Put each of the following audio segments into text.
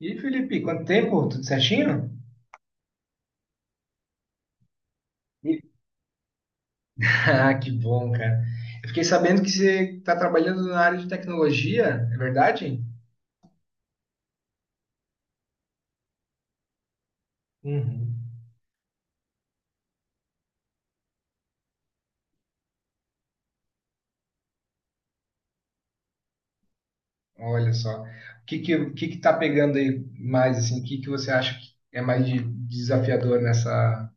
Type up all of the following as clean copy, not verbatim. E Felipe, quanto tempo? Tudo certinho? E- Ah, que bom, cara. Eu fiquei sabendo que você está trabalhando na área de tecnologia, é verdade? Uhum. Olha só. O que que tá pegando aí mais, assim? O que que você acha que é mais desafiador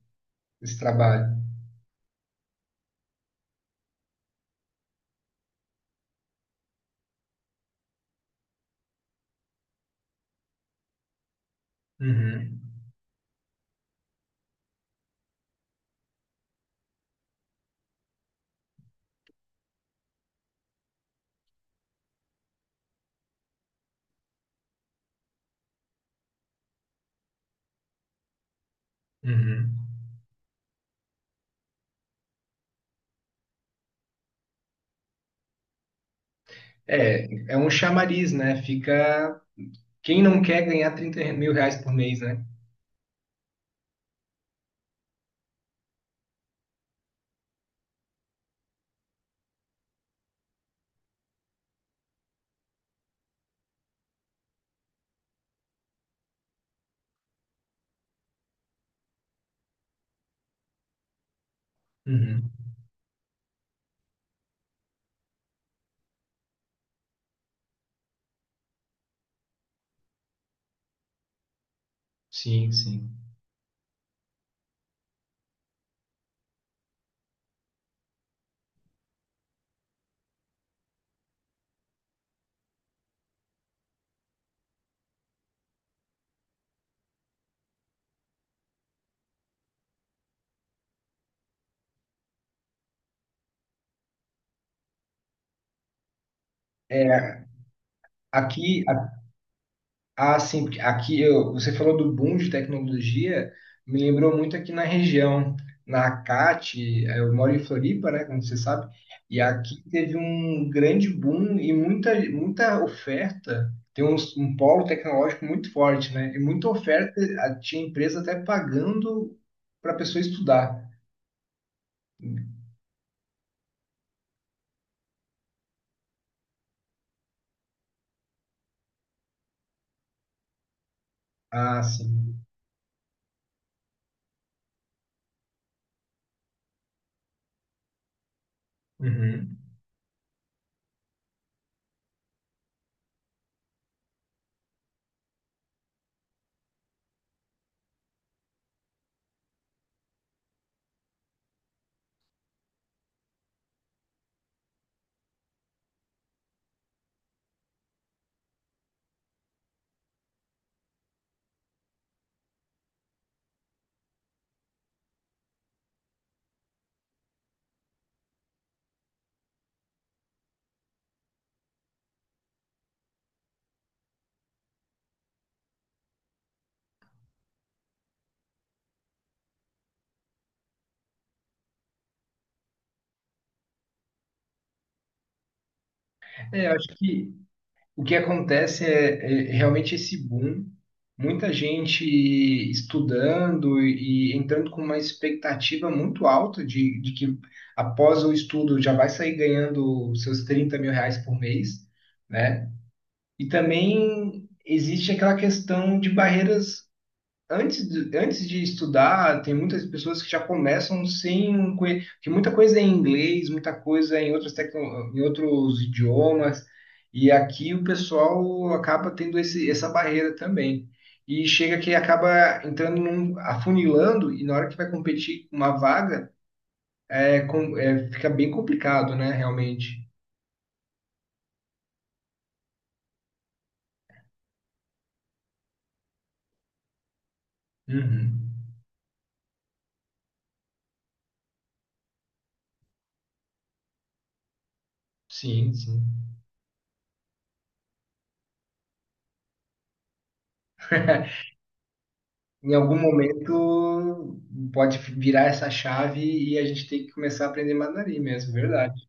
nesse trabalho? Uhum. Uhum. É, é um chamariz, né? Fica. Quem não quer ganhar 30 mil reais por mês, né? Uhum. Sim, sim. É, aqui, ah, sim, porque você falou do boom de tecnologia, me lembrou muito aqui na região, na ACAT, eu moro em Floripa, né, como você sabe, e aqui teve um grande boom e muita oferta, tem um polo tecnológico muito forte, né, e muita oferta, tinha empresa até pagando para a pessoa estudar. Ah, sim. Uhum. É, eu acho que, o que acontece é, é realmente esse boom, muita gente estudando e entrando com uma expectativa muito alta de que após o estudo já vai sair ganhando seus 30 mil reais por mês, né? E também existe aquela questão de barreiras. Antes de estudar, tem muitas pessoas que já começam sem um que muita coisa é em inglês, muita coisa é em outras em outros idiomas, e aqui o pessoal acaba tendo essa barreira também. E chega que acaba entrando num, afunilando, e na hora que vai competir com uma vaga, fica bem complicado, né, realmente. Uhum. Sim, sim. Em algum momento pode virar essa chave e a gente tem que começar a aprender mandarim mesmo, verdade.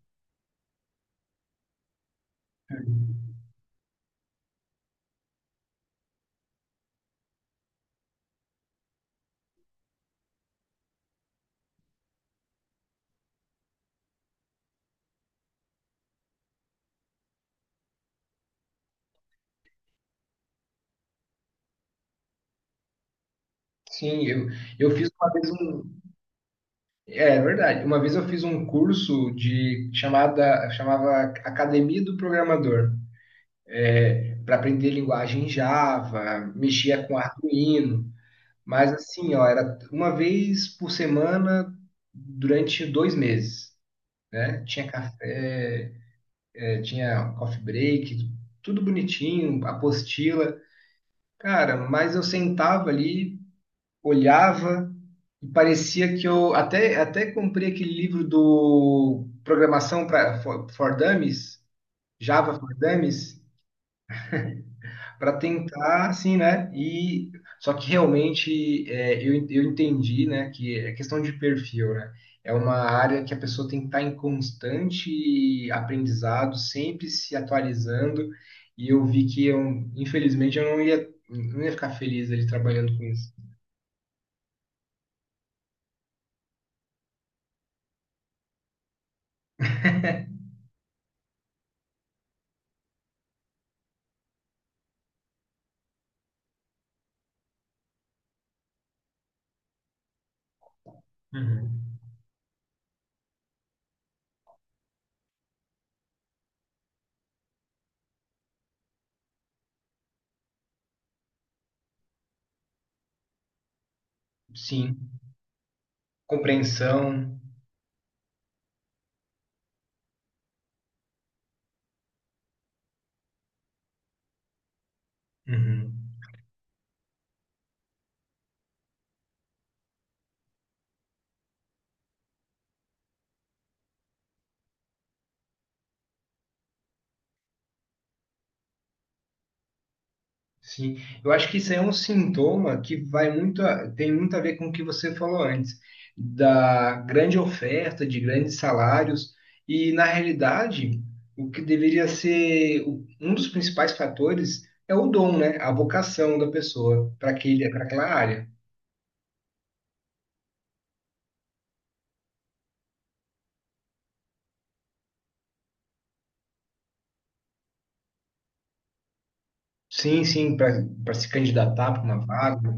Sim, eu, eu fiz uma vez um, é é verdade, uma vez eu fiz um curso de chamava Academia do Programador, para aprender linguagem Java, mexia com Arduino, mas assim, ó, era uma vez por semana durante 2 meses, né? Tinha café, tinha coffee break, tudo bonitinho, apostila. Cara, mas eu sentava ali, olhava e parecia que eu até comprei aquele livro do Programação for Dummies, Java for Dummies, para tentar, assim, né? E só que realmente é, eu entendi, né, que é questão de perfil, né? É uma área que a pessoa tem que estar em constante aprendizado, sempre se atualizando. E eu vi que eu, infelizmente, eu não ia, não ia ficar feliz ali trabalhando com isso. Uhum. Sim, compreensão. Uhum. Sim, eu acho que isso é um sintoma que vai tem muito a ver com o que você falou antes, da grande oferta, de grandes salários, e na realidade, o que deveria ser um dos principais fatores é o dom, né? A vocação da pessoa para para aquela área. Sim, sim, para se candidatar para uma vaga.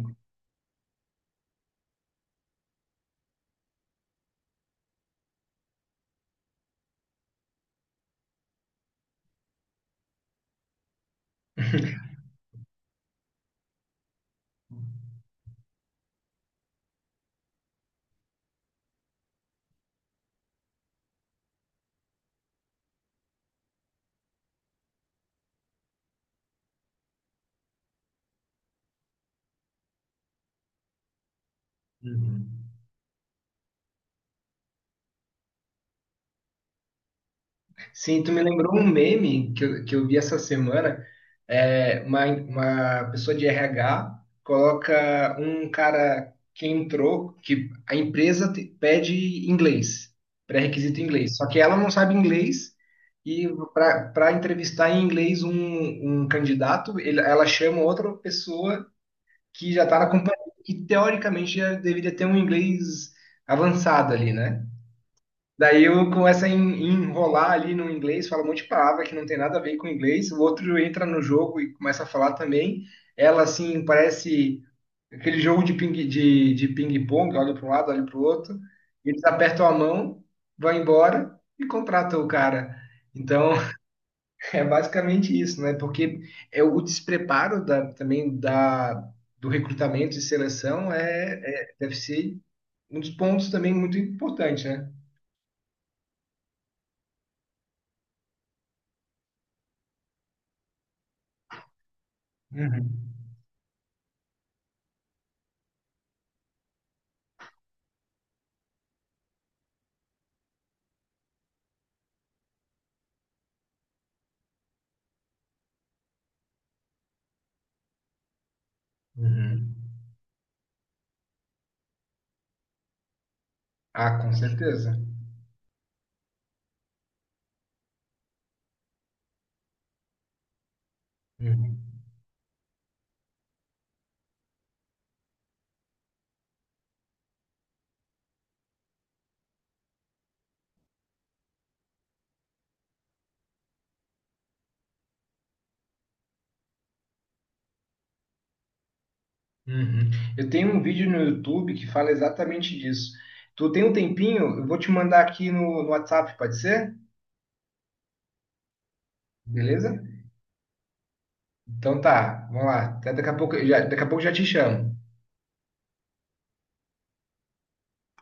Sim, tu me lembrou um meme que que eu vi essa semana. É, uma pessoa de RH coloca um cara que entrou, que a empresa pede inglês, pré-requisito inglês. Só que ela não sabe inglês e para entrevistar em inglês um candidato, ela chama outra pessoa que já está na companhia e teoricamente já deveria ter um inglês avançado ali, né? Daí eu começo a enrolar ali no inglês, fala um monte de palavra que não tem nada a ver com inglês. O outro entra no jogo e começa a falar também. Ela, assim, parece aquele jogo de de ping-pong, olha para um lado, olha para o outro. Eles apertam a mão, vão embora e contratam o cara. Então, é basicamente isso, né? Porque é o despreparo também do recrutamento e seleção deve ser um dos pontos também muito importante, né? Uhum. Uhum. Ah, com certeza. Uhum. Uhum. Eu tenho um vídeo no YouTube que fala exatamente disso. Tu tem um tempinho? Eu vou te mandar aqui no WhatsApp, pode ser? Beleza? Então tá, vamos lá. Até daqui a pouco já te chamo.